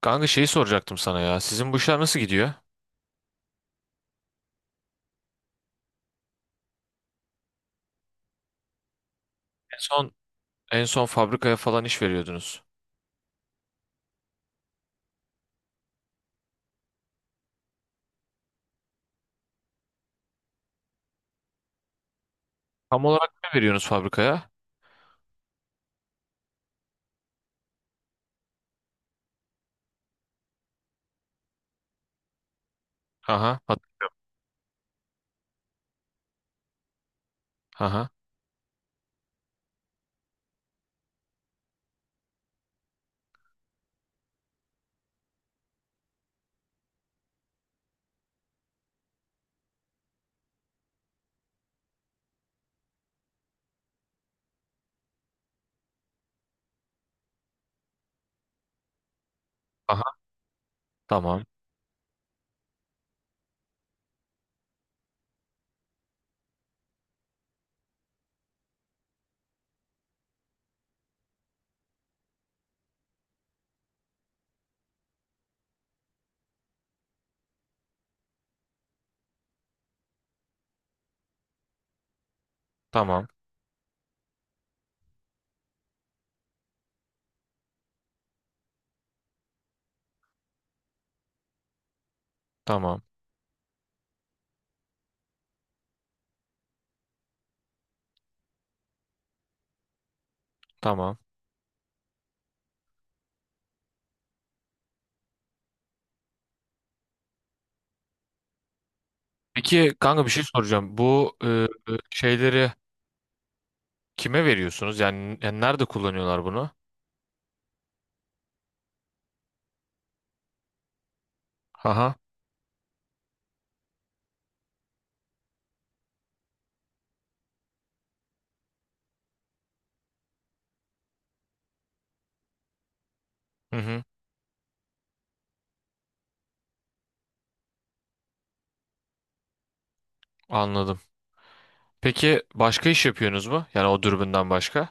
Kanka şeyi soracaktım sana ya. Sizin bu işler nasıl gidiyor? En son en son fabrikaya falan iş veriyordunuz. Tam olarak ne veriyorsunuz fabrikaya? Aha, hat- aha, aha. Tamam, tamam, tamam, tamam. Peki kanka bir şey soracağım. Bu şeyleri kime veriyorsunuz? Yani nerede kullanıyorlar bunu? Aha, hı hı, anladım. Peki başka iş yapıyorsunuz mu? Yani o dürbünden başka?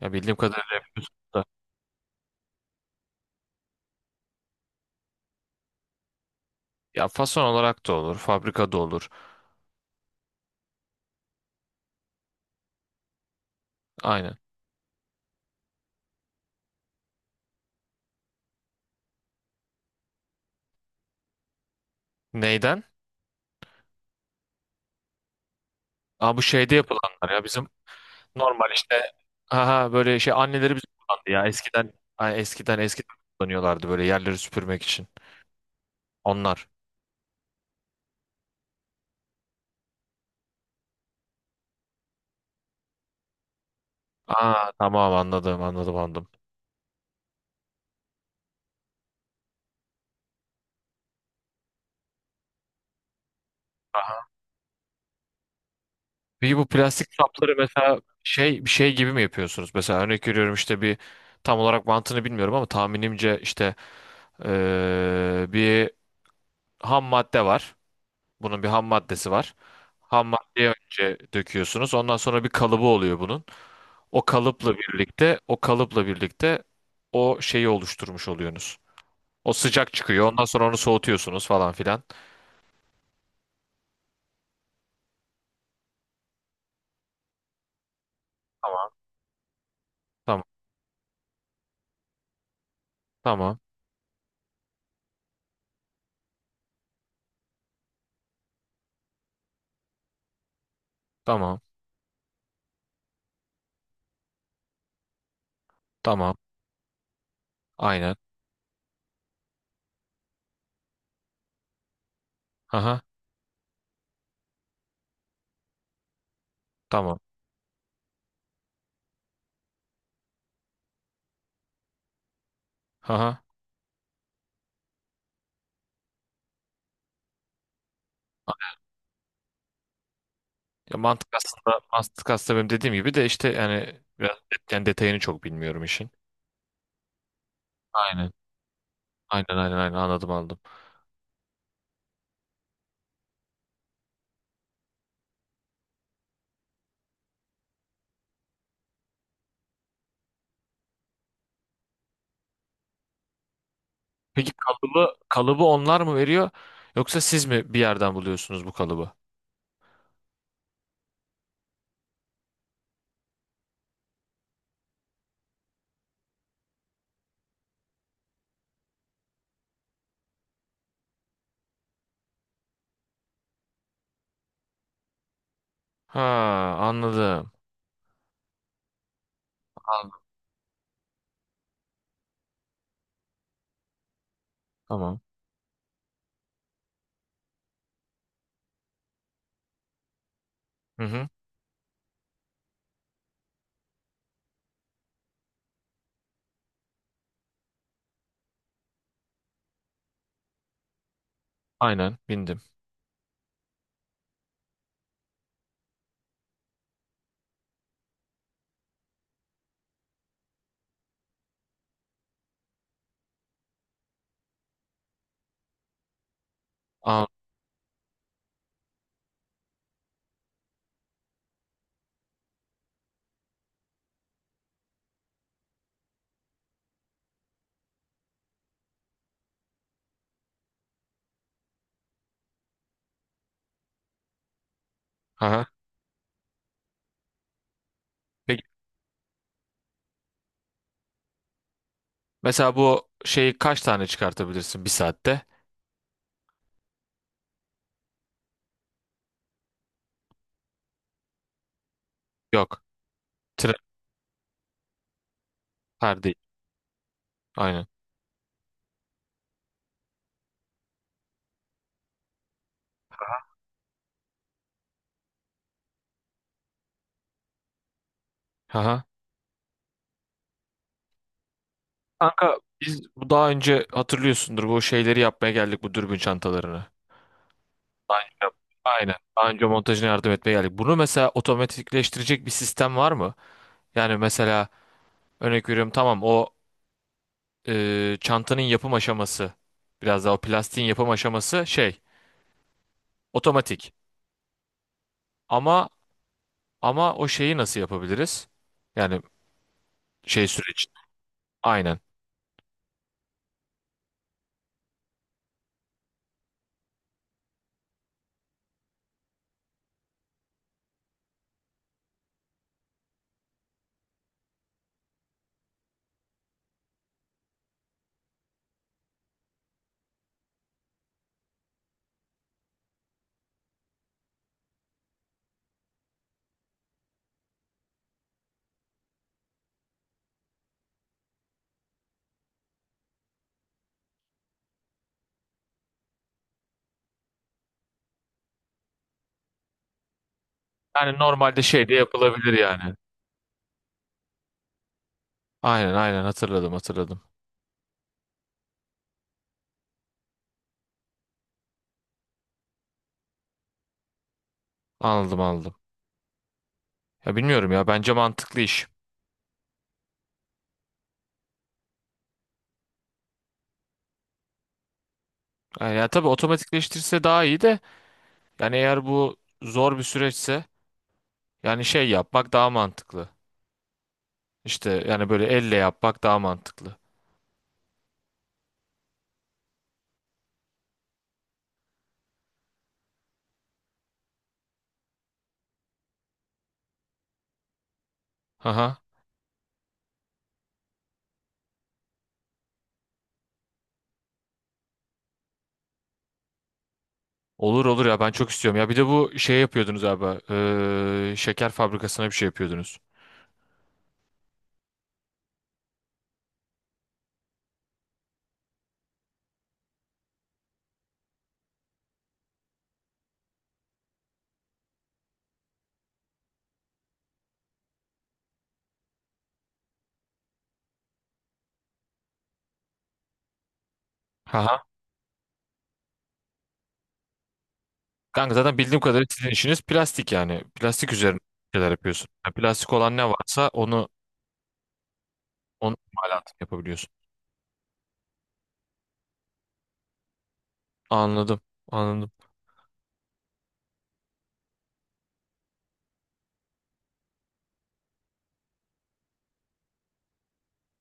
Ya bildiğim kadarıyla yapıyorsunuz da. Ya fason olarak da olur, fabrikada olur. Aynen. Neyden? Aa, bu şeyde yapılanlar ya bizim normal işte aha, böyle şey anneleri biz kullandı ya eskiden ha, eskiden eskiden kullanıyorlardı böyle yerleri süpürmek için onlar. Aa, tamam, anladım, anladım, anladım. Aha. Peki bu plastik kapları mesela şey bir şey gibi mi yapıyorsunuz? Mesela örnek veriyorum işte bir tam olarak mantığını bilmiyorum ama tahminimce işte bir ham madde var. Bunun bir ham maddesi var. Ham maddeyi önce döküyorsunuz. Ondan sonra bir kalıbı oluyor bunun. O kalıpla birlikte, o şeyi oluşturmuş oluyorsunuz. O sıcak çıkıyor. Ondan sonra onu soğutuyorsunuz falan filan. Tamam. Tamam. Tamam. Tamam. Tamam. Aynen. Aha. Tamam. Aha. Ya mantık aslında benim dediğim gibi de işte yani biraz yani detayını çok bilmiyorum işin. Aynen. Aynen, aynen, aynen, anladım, anladım. Peki kalıbı onlar mı veriyor yoksa siz mi bir yerden buluyorsunuz bu kalıbı? Ha, anladım. Anladım. Tamam. Hı hı. Aynen bindim. Aha. Peki mesela bu şeyi kaç tane çıkartabilirsin bir saatte? Yok. Tren her değil. Aynen. Aha. Kanka biz bu daha önce hatırlıyorsundur bu şeyleri yapmaya geldik, bu dürbün çantalarını. Daha önce yap- aynen. Daha önce montajına yardım etmeye geldik. Bunu mesela otomatikleştirecek bir sistem var mı? Yani mesela örnek veriyorum tamam o çantanın yapım aşaması, biraz daha o plastiğin yapım aşaması şey otomatik. Ama ama o şeyi nasıl yapabiliriz? Yani şey süreci. Aynen. Yani normalde şey de yapılabilir yani. Aynen, aynen, hatırladım, hatırladım. Anladım, anladım. Ya bilmiyorum, ya bence mantıklı iş. Yani ya tabii otomatikleştirse daha iyi de, yani eğer bu zor bir süreçse yani şey yapmak daha mantıklı. İşte yani böyle elle yapmak daha mantıklı. Aha. Olur, olur ya, ben çok istiyorum. Ya bir de bu şey yapıyordunuz abi. Şeker fabrikasına bir şey yapıyordunuz. Aha. Kanka zaten bildiğim kadarıyla sizin işiniz plastik yani. Plastik üzerine şeyler yapıyorsun. Ya plastik olan ne varsa onu, onu imalat yapabiliyorsun. Anladım. Anladım.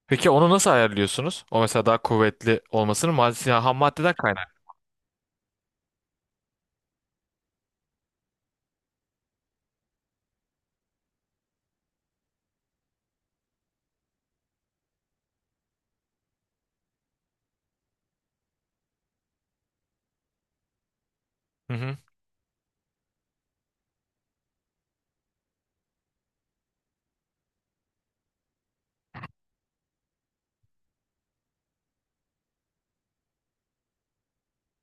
Peki onu nasıl ayarlıyorsunuz? O mesela daha kuvvetli olmasının maddesi, yani ham maddeden kaynak. Hı hı.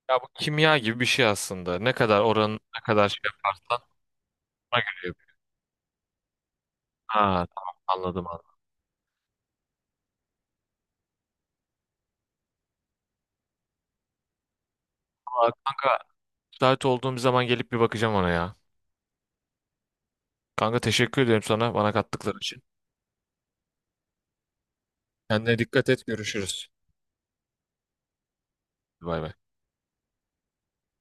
Ya bu kimya gibi bir şey aslında. Ne kadar oranın ne kadar şey yaparsan ona göre yapıyor. Ha tamam, anladım, anladım. Aa, kanka müsait olduğum bir zaman gelip bir bakacağım ona ya. Kanka teşekkür ederim sana, bana kattıkları için. Kendine dikkat et, görüşürüz. Bay bay.